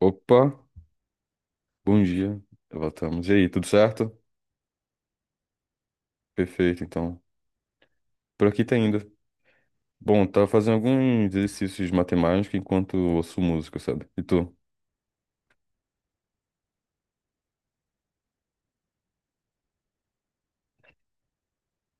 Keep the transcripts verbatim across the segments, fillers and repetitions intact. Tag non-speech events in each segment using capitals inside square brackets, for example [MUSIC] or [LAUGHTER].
Opa, bom dia. Voltamos. E aí, tudo certo? Perfeito, então. Por aqui tá indo. Bom, tava fazendo alguns exercícios de matemática enquanto ouço música, sabe? E tu?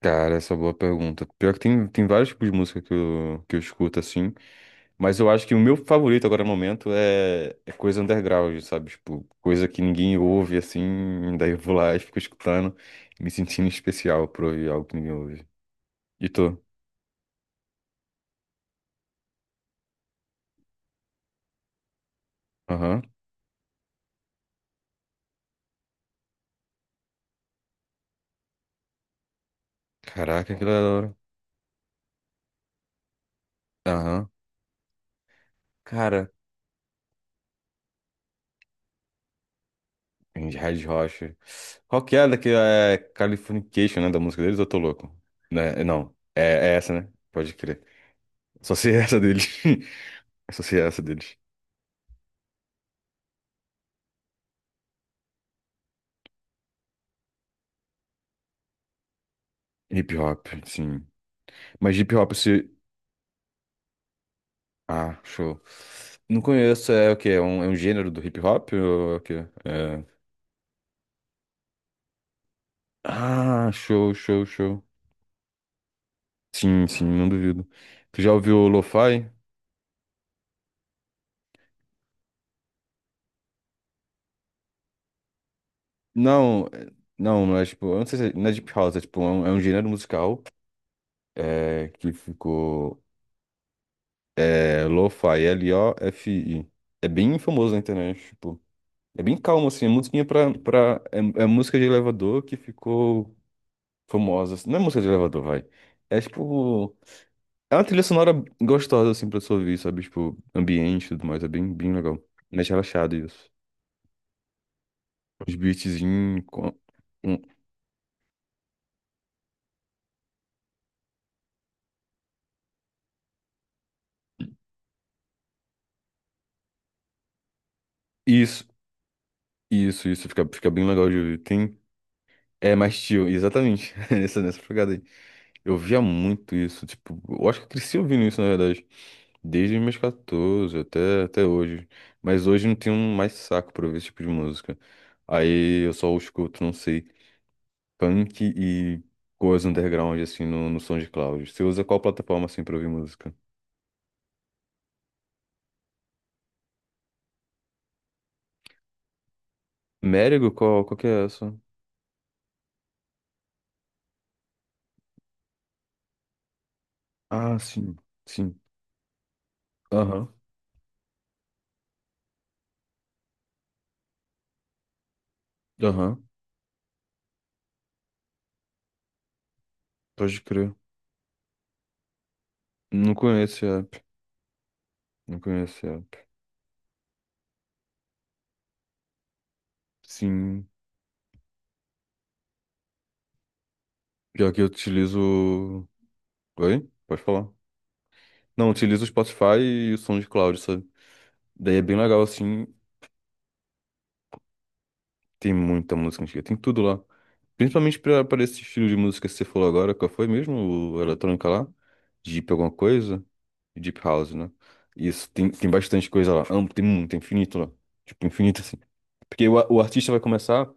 Cara, essa é uma boa pergunta. Pior que tem, tem vários tipos de música que eu, que eu escuto, assim. Mas eu acho que o meu favorito agora no momento é, é coisa underground, sabe? Tipo, coisa que ninguém ouve, assim. Daí eu vou lá e fico escutando, me sentindo especial por ouvir algo que ninguém ouve. E tu? Aham. Caraca, que da hora. Aham. Cara. Red Red Rocha. Qual que é daqui? É Californication, né? Da música deles, ou eu tô louco. Né? Não, é, é essa, né? Pode crer. Só sei essa deles. [LAUGHS] Só sei essa deles. Hip hop, sim. Mas hip hop se. Ah, show. Não conheço, é o quê? É um, é um gênero do hip hop? Ou é o quê? É... Ah, show, show, show. Sim, sim, não duvido. Tu já ouviu o lo-fi? Não, é- não, não é tipo. Eu não sei se é, não é deep house, é tipo, é um, é um gênero musical é, que ficou. É Lo-Fi, L-O-F-I. É bem famoso na internet, tipo. É bem calmo, assim. É musiquinha pra, pra... É, é música de elevador que ficou famosa. Assim. Não é música de elevador, vai. É, tipo... É uma trilha sonora gostosa, assim, pra você ouvir, sabe? Tipo, ambiente e tudo mais. É bem, bem legal. Mais relaxado, isso. Os beatzinhos... com- com- Isso, isso, isso. Fica, fica bem legal de ouvir. Tem... É mais chill, exatamente. [LAUGHS] Nessa, nessa pegada aí. Eu via muito isso, tipo, eu acho que eu cresci ouvindo isso, na verdade, desde os meus quatorze até, até hoje. Mas hoje não tenho mais saco pra ouvir esse tipo de música. Aí eu só escuto, não sei, punk e coisa underground, assim, no, no SoundCloud. Você usa qual plataforma, assim, pra ouvir música? Merigo? Qual, qual que é essa? Ah, sim, sim. Aham, aham, pode crer. Não conheço a app, não conheço a app. Sim, pior que eu utilizo... Oi? Pode falar. Não, utiliza o Spotify e o SoundCloud, sabe? Daí é bem legal, assim. Tem muita música antiga, tem tudo lá. Principalmente pra, pra esse estilo de música que você falou agora, qual foi mesmo? O eletrônica lá? Deep alguma coisa? Deep House, né? Isso, tem, tem bastante coisa lá. Amplo, tem muito, tem infinito lá. Tipo, infinito assim. Porque o, a- o artista vai começar.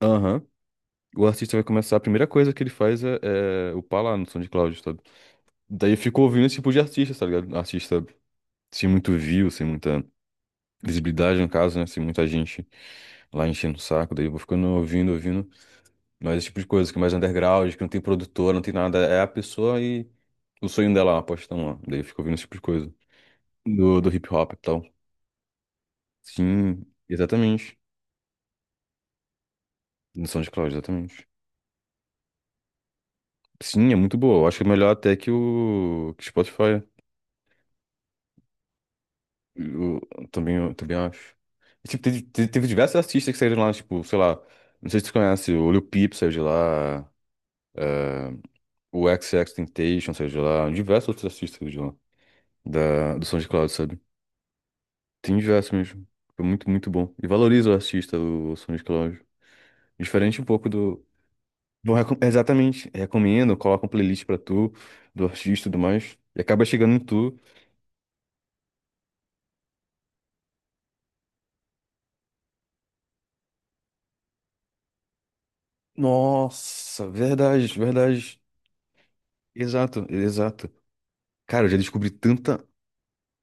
Aham. O artista vai começar, a primeira coisa que ele faz é, é upar lá no SoundCloud, sabe? Daí eu fico ouvindo esse tipo de artista, tá ligado? Artista sem muito view, sem muita. Visibilidade, no caso, né? Se muita gente lá enchendo o saco, daí eu vou ficando ouvindo, ouvindo. Mas esse tipo de coisa que é mais underground, que não tem produtor, não tem nada. É a pessoa e o sonho dela, a postão lá. Daí eu fico ouvindo esse tipo de coisa. Do, do hip hop e tal. Sim, exatamente. No SoundCloud, exatamente. Sim, é muito boa. Eu acho que é melhor até que o que o Spotify. Eu, também, eu também acho. E, tipo, teve, te- teve diversos artistas que saíram lá, tipo, sei lá. Não sei se tu conhece, o Lil Peep saiu de lá. eh, o XXXTentacion, sei de lá, diversos outros artistas de lá, da, do SoundCloud, sabe? Tem diversos mesmo. Foi muito, muito bom. E valoriza o artista, o SoundCloud. Diferente um pouco do. Bom, recom- exatamente. Recomendo, coloca um playlist pra tu, do artista e tudo mais. E acaba chegando em tu. Nossa, verdade, verdade. Exato, exato. Cara, eu já descobri tanta,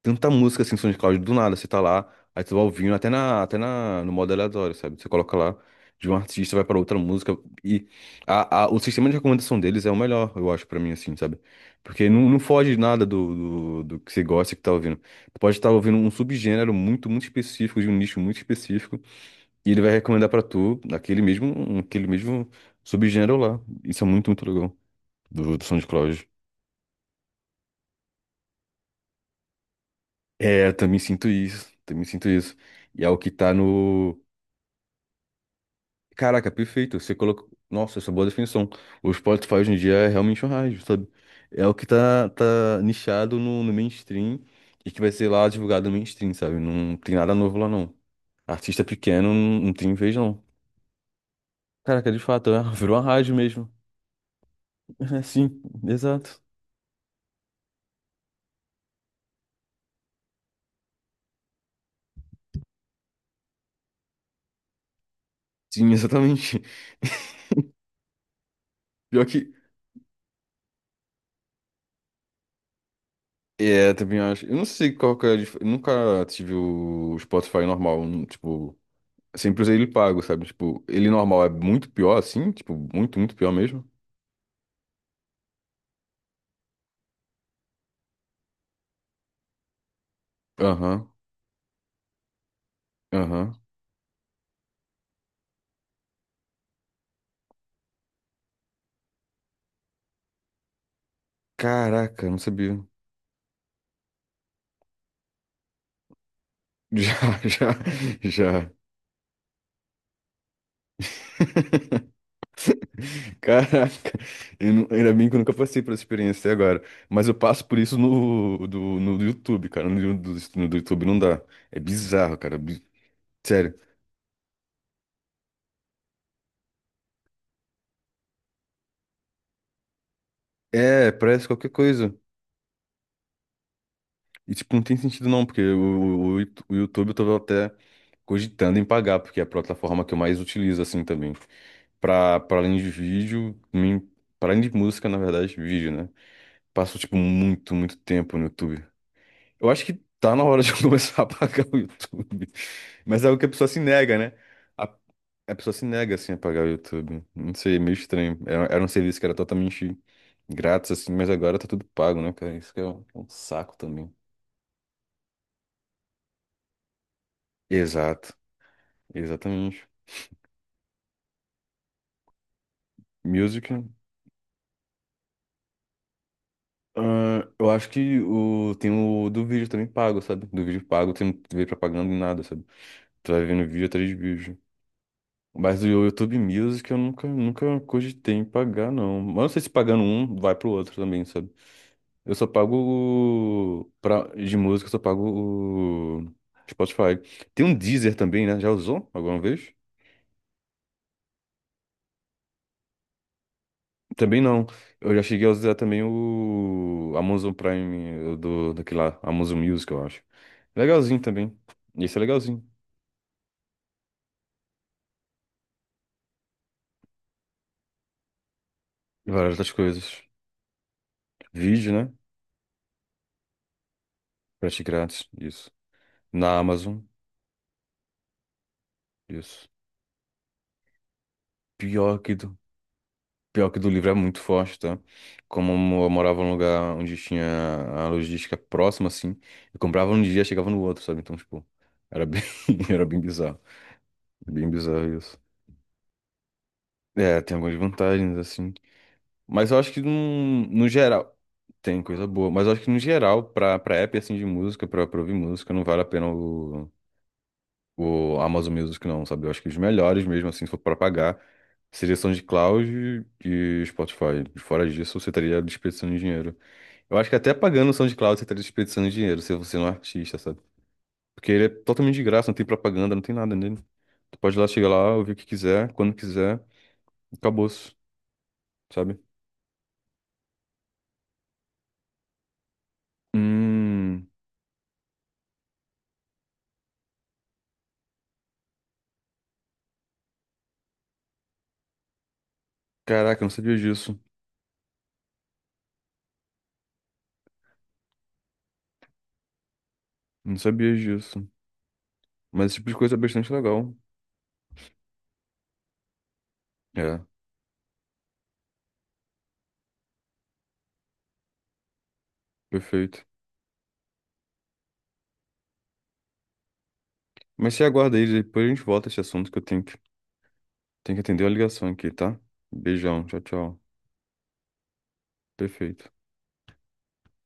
tanta música assim no SoundCloud do nada, você tá lá, aí você vai ouvindo até na, até na, no modo aleatório, sabe? Você coloca lá de um artista, vai pra outra música e a, a- o sistema de recomendação deles é o melhor, eu acho, pra mim, assim, sabe? Porque não, não foge nada do, do, do que você gosta e que tá ouvindo. Tu pode estar ouvindo um subgênero muito, muito específico, de um nicho muito específico, e ele vai recomendar pra tu aquele mesmo, um, aquele mesmo subgênero lá. Isso é muito, muito legal do, do SoundCloud. É, eu também sinto isso, também sinto isso. E é o que tá no. Caraca, perfeito. Você colocou. Nossa, essa é uma boa definição. O Spotify hoje em dia é realmente um rádio, sabe? É o que tá, tá nichado no, no mainstream e que vai ser lá divulgado no mainstream, sabe? Não tem nada novo lá, não. Artista pequeno não, não tem vez, não. Caraca, de fato, é, [LAUGHS] virou uma rádio mesmo. É, sim, exato. Sim, exatamente. Pior que. É, também acho. Eu não sei qual que é a dif... Eu nunca tive o Spotify normal, não, tipo. Sempre usei ele pago, sabe? Tipo, ele normal é muito pior assim, tipo, muito, muito pior mesmo. Aham, aham. Caraca, não sabia. Já, [LAUGHS] já, já. [LAUGHS] Caraca, eu não- ainda bem que eu nunca passei por essa experiência até agora. Mas eu passo por isso no, do, no YouTube, cara. No, do, no do YouTube não dá. É bizarro, cara. bi- Sério. É, parece qualquer coisa. E, tipo, não tem sentido não, porque o, o, o YouTube eu tô até cogitando em pagar, porque é a plataforma que eu mais utilizo, assim, também. Pra, pra além de vídeo, mim- pra além de música, na verdade, vídeo, né? Passo, tipo, muito, muito tempo no YouTube. Eu acho que tá na hora de eu [LAUGHS] começar a pagar o YouTube. Mas é algo que a pessoa se nega, né? A, a pessoa se nega, assim, a pagar o YouTube. Não sei, é meio estranho. Era, era um serviço que era totalmente grátis, assim, mas agora tá tudo pago, né, cara? Isso que é um, é um saco também. Exato. Exatamente. Music. Ah, eu acho que o, tem o do vídeo também pago, sabe? Do vídeo pago, tem, não vê propaganda nem nada, sabe? Tu vai vendo vídeo atrás de vídeo. Mas o YouTube Music eu nunca, nunca cogitei em pagar, não. Mas eu não sei se pagando um, vai pro outro também, sabe? Eu só pago o... Pra, de música, eu só pago o Spotify. Tem um Deezer também, né? Já usou alguma vez? Também não. Eu já cheguei a usar também o Amazon Prime o do, daquele lá, Amazon Music, eu acho. Legalzinho também. Isso é legalzinho. Várias outras coisas. Vídeo, né? Frete grátis, isso. Na Amazon, isso. Pior que do, pior que do livro é muito forte, tá? Como eu morava num lugar onde tinha a logística próxima, assim, eu comprava um dia, chegava no outro, sabe? Então, tipo, era bem, [LAUGHS] era bem bizarro. Bem bizarro isso. É, tem algumas vantagens, assim. Mas eu acho que num, no geral. Tem coisa boa, mas eu acho que no geral, pra, pra app assim de música, pra, pra ouvir música, não vale a pena o, o Amazon Music, não, sabe? Eu acho que os melhores mesmo, assim, se for pra pagar, seria SoundCloud e Spotify. Fora disso, você estaria desperdiçando dinheiro. Eu acho que até pagando o SoundCloud, você estaria desperdiçando dinheiro, se você não é um artista, sabe? Porque ele é totalmente de graça, não tem propaganda, não tem nada nele. Tu pode ir lá, chegar lá, ouvir o que quiser, quando quiser, acabou-se, sabe? Hum, caraca, eu não sabia disso. Não sabia disso. Mas esse tipo de coisa é bastante legal. É, perfeito. Mas você aguarda aí, depois a gente volta a esse assunto que eu tenho que, tenho que atender a ligação aqui, tá? Beijão, tchau, tchau. Perfeito.